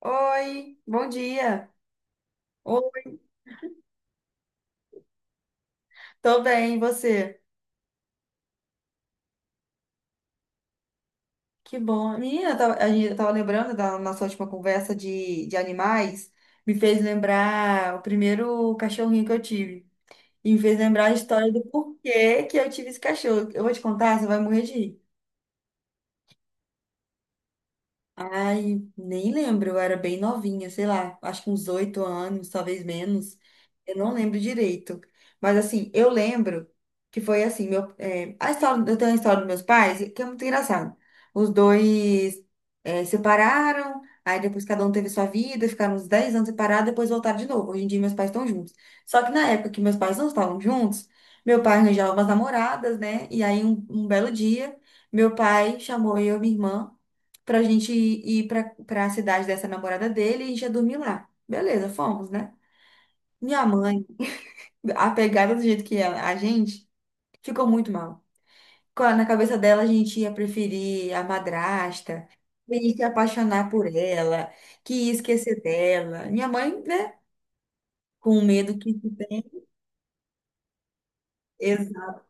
Oi, bom dia. Oi, tô bem, e você? Que bom. Menina, eu tava lembrando da nossa última conversa de animais, me fez lembrar o primeiro cachorrinho que eu tive. E me fez lembrar a história do porquê que eu tive esse cachorro. Eu vou te contar, você vai morrer de rir. Ai, nem lembro, eu era bem novinha, sei lá, acho que uns 8 anos, talvez menos. Eu não lembro direito. Mas assim, eu lembro que foi assim, meu, a história, eu tenho a história dos meus pais, que é muito engraçado. Os dois separaram, aí depois cada um teve sua vida, ficaram uns 10 anos separados, depois voltaram de novo. Hoje em dia meus pais estão juntos. Só que na época que meus pais não estavam juntos, meu pai arranjava umas namoradas, né? E aí um belo dia. Meu pai chamou eu e minha irmã pra gente ir pra cidade dessa namorada dele e a gente ia dormir lá. Beleza, fomos, né? Minha mãe, apegada do jeito que é a gente, ficou muito mal. Na cabeça dela, a gente ia preferir a madrasta, ia se apaixonar por ela, que ia esquecer dela. Minha mãe, né? Com medo que se... Exa-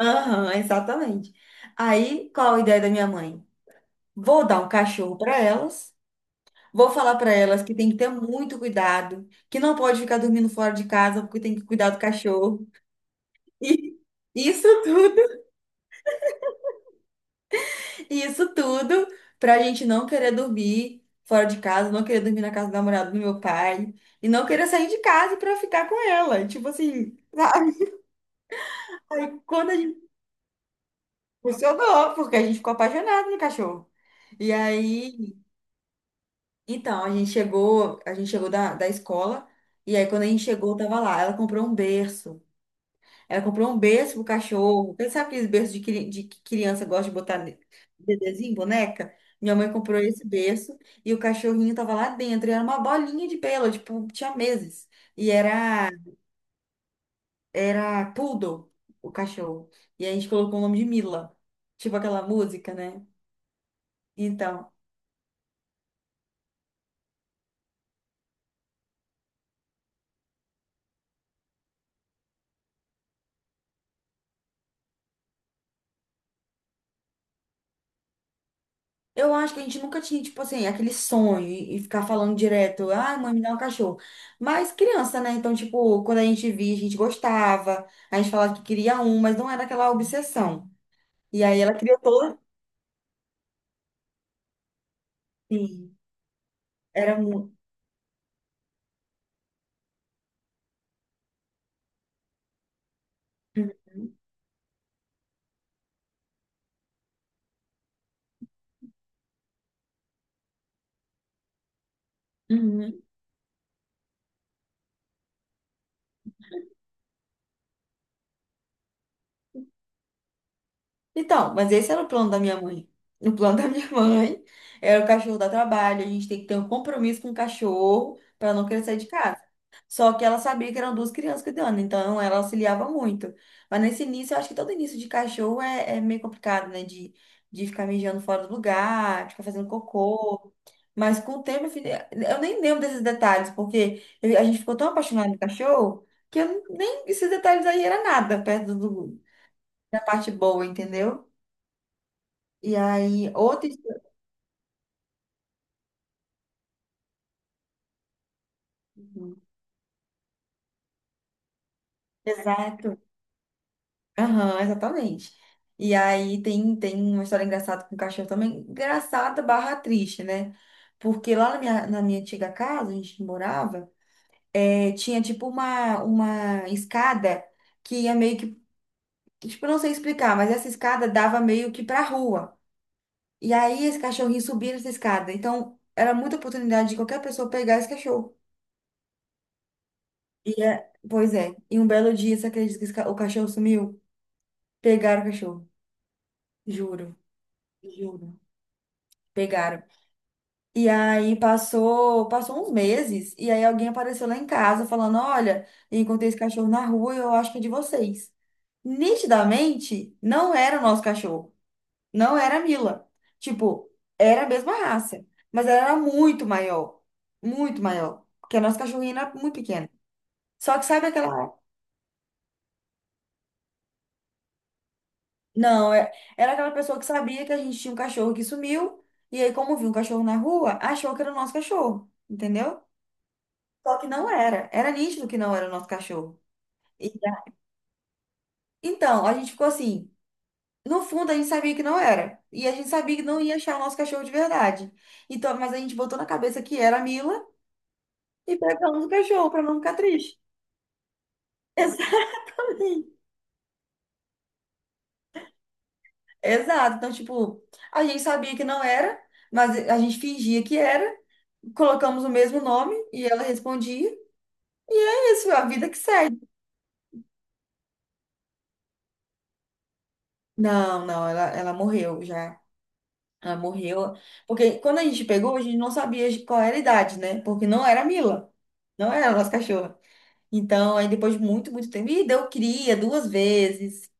Aham, exatamente. Aí, qual a ideia da minha mãe? Vou dar um cachorro para elas. Vou falar para elas que tem que ter muito cuidado, que não pode ficar dormindo fora de casa porque tem que cuidar do cachorro. E isso tudo, isso tudo para a gente não querer dormir fora de casa, não querer dormir na casa do namorado do meu pai e não querer sair de casa para ficar com ela. Tipo assim, sabe? Aí quando a gente... funcionou, porque a gente ficou apaixonado no cachorro. E aí, então, a gente chegou da escola, e aí quando a gente chegou, tava lá, ela comprou um berço. Ela comprou um berço pro cachorro. Quem sabe aqueles berços de, que criança gosta de botar bebezinho, boneca? Minha mãe comprou esse berço e o cachorrinho tava lá dentro. E era uma bolinha de pelo, tipo, tinha meses. E era, era poodle, o cachorro. E a gente colocou o nome de Mila. Tipo aquela música, né? Então, eu acho que a gente nunca tinha, tipo assim, aquele sonho e ficar falando direto, ah, mãe, me dá um cachorro. Mas criança, né? Então, tipo, quando a gente via, a gente gostava, a gente falava que queria um, mas não era aquela obsessão. E aí ela criou toda assim. Era muito. Então, mas esse era o plano da minha mãe. O plano da minha mãe era o cachorro dar trabalho, a gente tem que ter um compromisso com o cachorro para não querer sair de casa. Só que ela sabia que eram duas crianças cuidando, então ela auxiliava muito. Mas nesse início, eu acho que todo início de cachorro é meio complicado, né? De ficar mijando fora do lugar, de ficar fazendo cocô. Mas com o tempo, eu nem lembro desses detalhes, porque a gente ficou tão apaixonado no cachorro que eu nem esses detalhes aí era nada perto da parte boa, entendeu? E aí, outra história. Exato. Aham, exatamente. E aí tem uma história engraçada com o cachorro também. Engraçada barra triste, né? Porque lá na minha antiga casa, a gente morava, tinha tipo uma escada que ia meio que... Tipo, eu não sei explicar, mas essa escada dava meio que pra rua. E aí esse cachorrinho subia nessa escada. Então, era muita oportunidade de qualquer pessoa pegar esse cachorro. E é, pois é. E um belo dia, você acredita que o cachorro sumiu? Pegaram o cachorro, juro, juro, pegaram. E aí passou uns meses, e aí alguém apareceu lá em casa falando: "Olha, encontrei esse cachorro na rua, eu acho que é de vocês." Nitidamente, não era o nosso cachorro, não era a Mila. Tipo, era a mesma raça, mas ela era muito maior, porque a nossa cachorrinha era muito pequena. Só que sabe aquela... Não, era aquela pessoa que sabia que a gente tinha um cachorro que sumiu, e aí, como viu um cachorro na rua, achou que era o nosso cachorro, entendeu? Só que não era. Era nítido que não era o nosso cachorro. E- então, a gente ficou assim. No fundo, a gente sabia que não era. E a gente sabia que não ia achar o nosso cachorro de verdade. Então, mas a gente botou na cabeça que era a Mila e pegamos o cachorro para não ficar triste. Exatamente. Exato. Então, tipo, a gente sabia que não era, mas a gente fingia que era. Colocamos o mesmo nome e ela respondia. É isso, é a vida que segue. Não, não, ela morreu já. Ela morreu. Porque quando a gente pegou, a gente não sabia de qual era a idade, né? Porque não era a Mila. Não era a nossa cachorra. Então, aí depois de muito, muito tempo. E deu cria 2 vezes.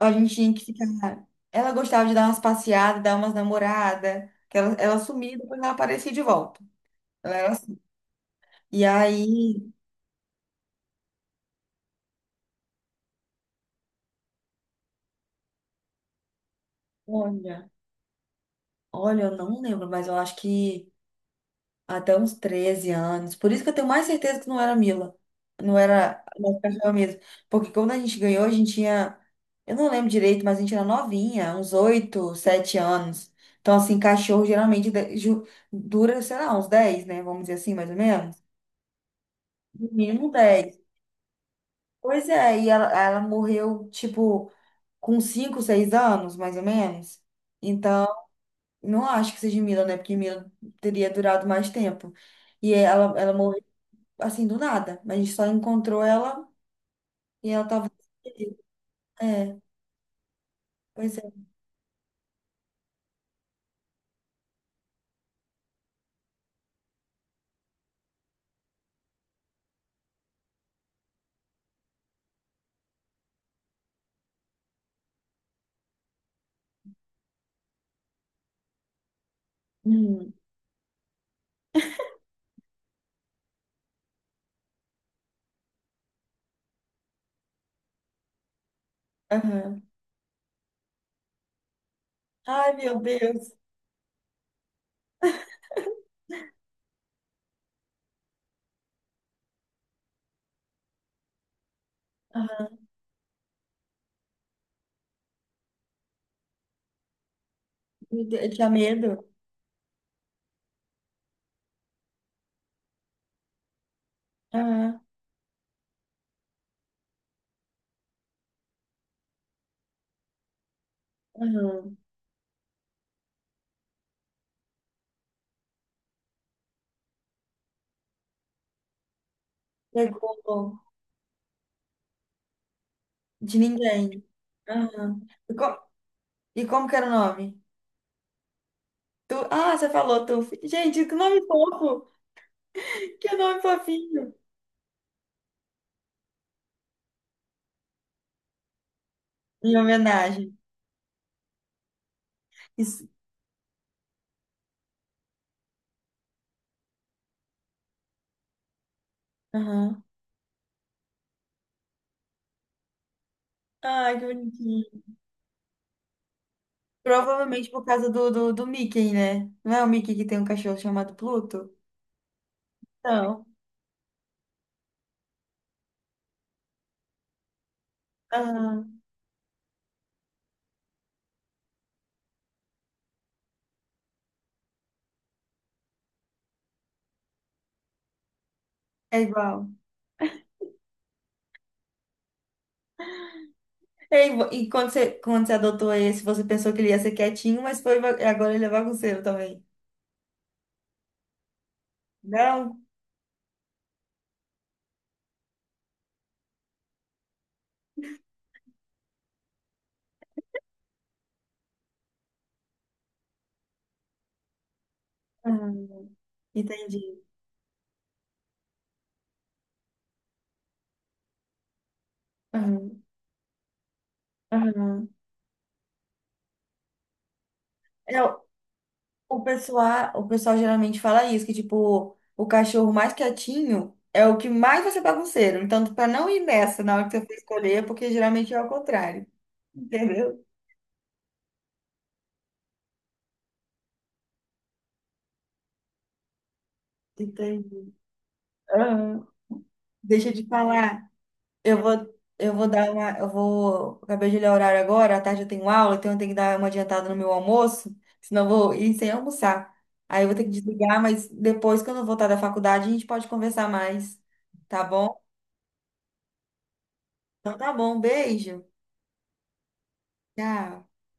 A gente tinha que ficar. Ela gostava de dar umas passeadas, dar umas namoradas. Que ela sumia e depois ela aparecia de volta. Ela era... assim. E aí, olha, olha, eu não lembro, mas eu acho que, até uns 13 anos. Por isso que eu tenho mais certeza que não era Mila. Não era a nossa cachorra mesmo. Porque quando a gente ganhou, a gente tinha... Eu não lembro direito, mas a gente era novinha, uns 8, 7 anos. Então, assim, cachorro geralmente dura, sei lá, uns 10, né? Vamos dizer assim, mais ou menos. No mínimo 10. Pois é, e ela morreu, tipo, com 5, 6 anos, mais ou menos. Então, não acho que seja Mila, né? Porque Mila teria durado mais tempo. E ela assim, do nada. Mas a gente só encontrou ela e ela tava... É, pois é. Hum, aham. Ai, meu Deus. Aham. Meu Deus, eu tinha medo. Aham, aham. Pegou de ninguém. Aham. E, co- e como que era o nome? Tu... Ah, você falou, Tu. Gente, que nome fofo! Que nome fofinho! Em homenagem. Isso. Aham. Ai, que bonitinho. Provavelmente por causa do Mickey, né? Não é o Mickey que tem um cachorro chamado Pluto? Não. É igual. É igual. E quando você adotou esse, você pensou que ele ia ser quietinho, mas agora ele é bagunceiro também. Não? Aham. Entendi. Aham. Aham. É, o pessoal geralmente fala isso, que tipo, o cachorro mais quietinho é o que mais vai ser bagunceiro. Então, pra não ir nessa na hora que você for escolher, porque geralmente é o contrário. Entendeu? Entendi. Aham. Deixa de falar. Eu vou dar uma. Eu vou... Acabei de olhar o horário agora, à tarde eu tenho aula, então eu tenho que dar uma adiantada no meu almoço, senão eu vou ir sem almoçar. Aí eu vou ter que desligar, mas depois, quando eu voltar da faculdade, a gente pode conversar mais. Tá bom? Então tá bom, beijo. Tchau.